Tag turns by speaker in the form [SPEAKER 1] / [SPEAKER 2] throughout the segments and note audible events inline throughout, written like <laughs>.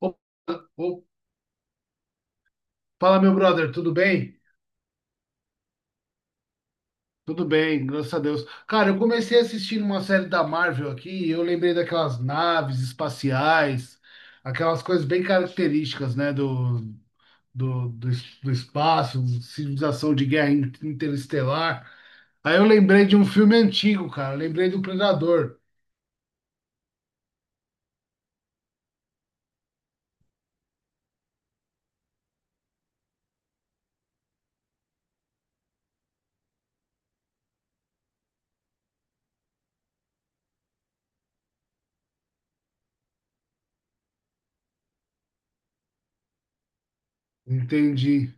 [SPEAKER 1] Ô, ô, fala, meu brother, tudo bem? Tudo bem, graças a Deus. Cara, eu comecei assistindo uma série da Marvel aqui e eu lembrei daquelas naves espaciais, aquelas coisas bem características, né, do espaço, civilização de guerra interestelar. Aí eu lembrei de um filme antigo, cara, eu lembrei do Predador, entendi.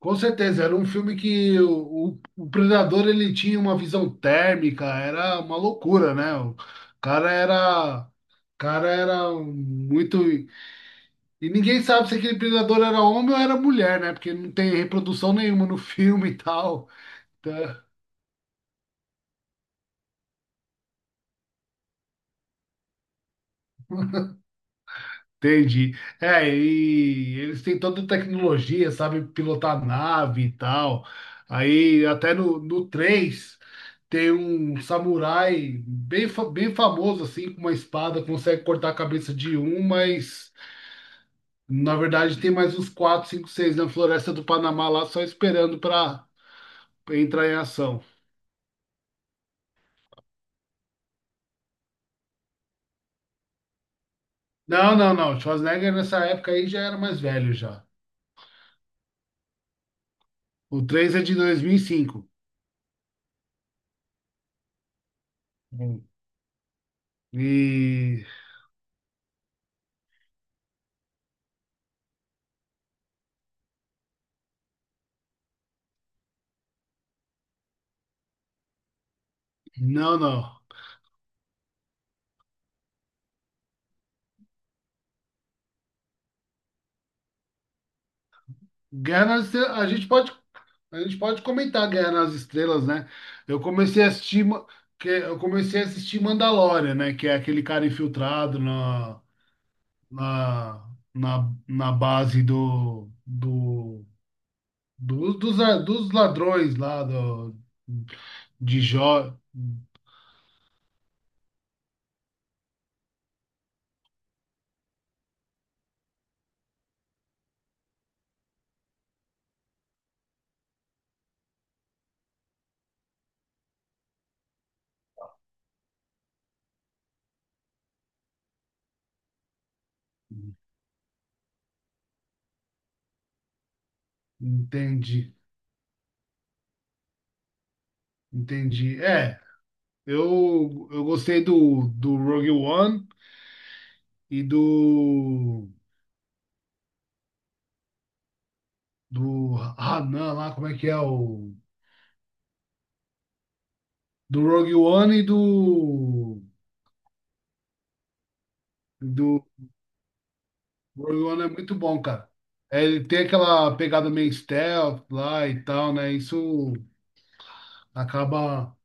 [SPEAKER 1] Com certeza, era um filme que o Predador ele tinha uma visão térmica, era uma loucura, né? O cara era muito. E ninguém sabe se aquele Predador era homem ou era mulher, né? Porque não tem reprodução nenhuma no filme e tal. Então, entendi. É, e eles têm toda a tecnologia, sabe, pilotar nave e tal. Aí até no 3 tem um samurai bem, bem famoso, assim, com uma espada, consegue cortar a cabeça de um, mas na verdade tem mais uns 4, 5, 6 na floresta do Panamá lá só esperando para entrar em ação. Não, não, não. Schwarzenegger nessa época aí já era mais velho já. O 3 é de 2005. Hum. E. Não, não. Guerra nas Estrelas, a gente pode comentar Guerra nas Estrelas, né? Eu comecei a assistir, que eu comecei a assistir Mandalorian, né? Que é aquele cara infiltrado na, na base dos ladrões lá do, de Jó. Entendi, entendi. É, eu gostei do Rogue One e do, do Hanan lá, como é que é o. Do Rogue One e do. Do Rogue One é muito bom, cara. É, ele tem aquela pegada meio stealth lá e tal, né? Isso acaba.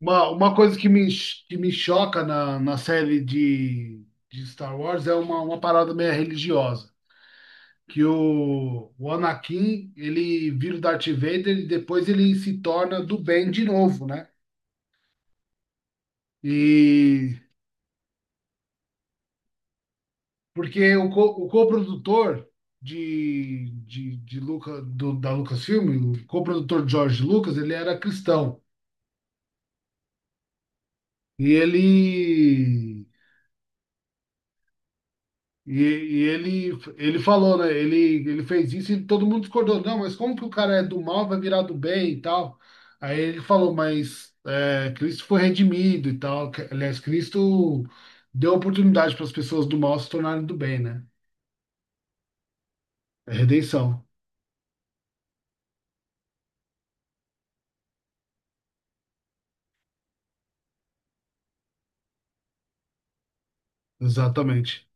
[SPEAKER 1] Uma coisa que me choca na série de Star Wars é uma parada meio religiosa. Que o Anakin, ele vira o Darth Vader e depois ele se torna do bem de novo, né? E Porque o coprodutor de Luca, da Lucasfilm, o coprodutor George Lucas, ele era cristão. E ele. E, e ele, ele falou, né? Ele fez isso e todo mundo discordou. Não, mas como que o cara é do mal, vai virar do bem e tal? Aí ele falou, mas é, Cristo foi redimido e tal. Que- Aliás, Cristo deu oportunidade para as pessoas do mal se tornarem do bem, né? É redenção, exatamente.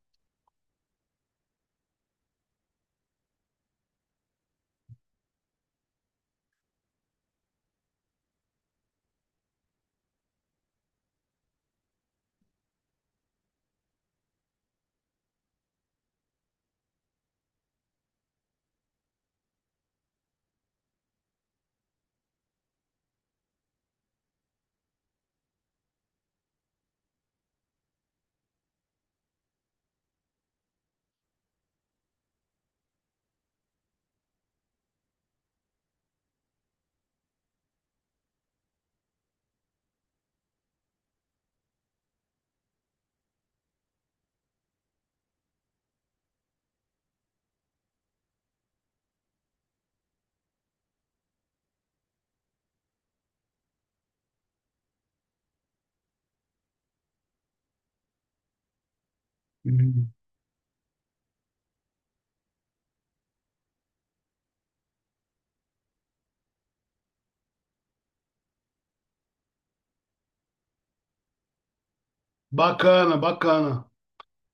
[SPEAKER 1] Bacana, bacana.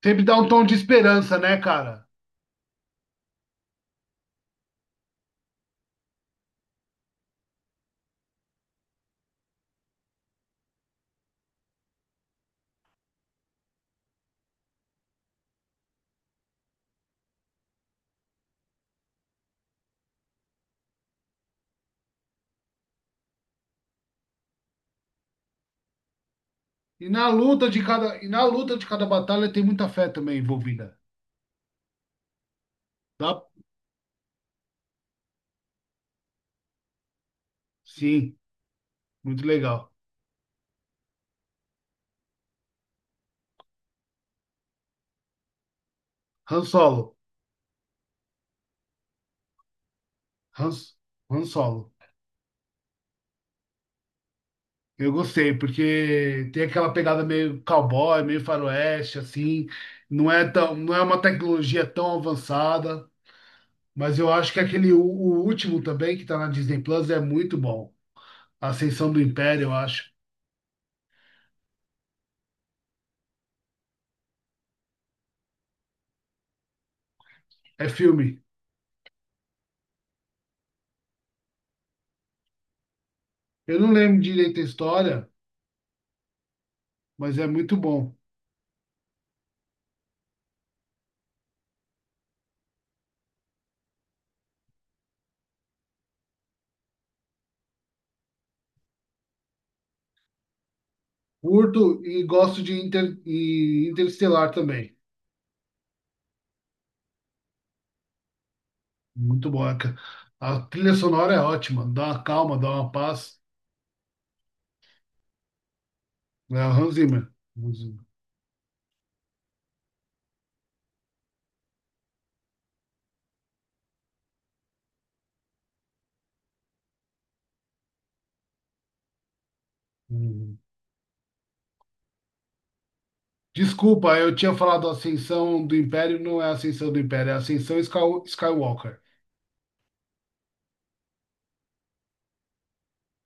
[SPEAKER 1] Sempre dá um tom de esperança, né, cara? E na luta e na luta de cada batalha tem muita fé também envolvida. Tá? Sim, muito legal. Han Solo, Han, Han Solo. Eu gostei, porque tem aquela pegada meio cowboy, meio faroeste, assim. Não é tão, não é uma tecnologia tão avançada, mas eu acho que aquele, o último também, que tá na Disney Plus, é muito bom. A Ascensão do Império, eu acho. É filme. Eu não lembro direito a história, mas é muito bom. Curto e gosto de Interestelar também. Muito bom. A trilha sonora é ótima, dá uma calma, dá uma paz. É o Hans Zimmer. Hans Zimmer. Uhum. Desculpa, eu tinha falado Ascensão do Império, não é Ascensão do Império, é Ascensão Skywalker.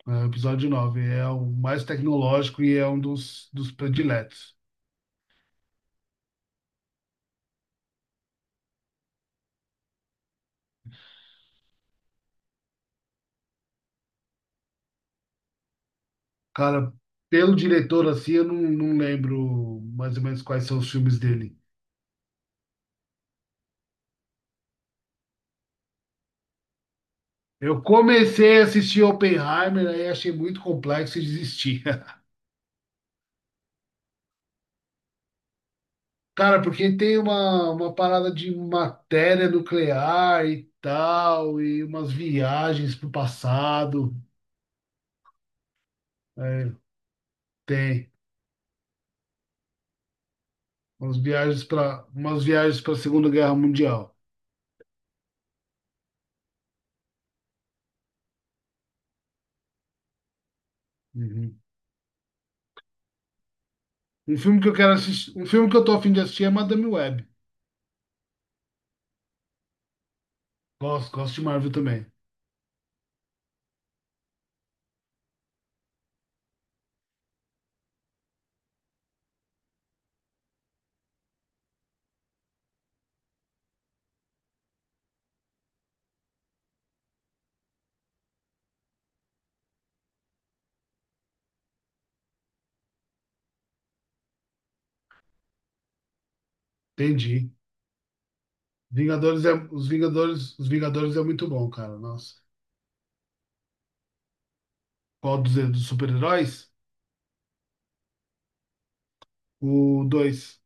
[SPEAKER 1] É o episódio nove. É o mais tecnológico e é um dos prediletos. Cara, pelo diretor assim, eu não, não lembro mais ou menos quais são os filmes dele. Eu comecei a assistir Oppenheimer, aí achei muito complexo e desisti. <laughs> Cara, porque tem uma parada de matéria nuclear e tal, e umas viagens pro passado. É, tem umas viagens para a Segunda Guerra Mundial. Uhum. Um filme que eu quero assistir, um filme que eu tô a fim de assistir é Madame Web. Gosto, gosto de Marvel também. Entendi. Vingadores é, os Vingadores é muito bom, cara. Nossa. Qual dos super-heróis? O dois.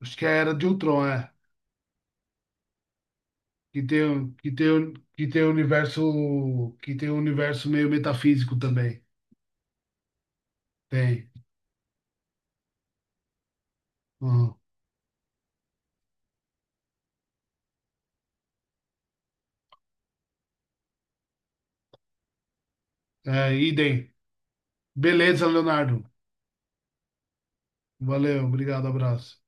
[SPEAKER 1] Acho que era de Ultron, é. Que tem, que tem o universo. Que tem o universo meio metafísico também. Tem. Uhum. É, idem. Beleza, Leonardo. Valeu, obrigado, abraço.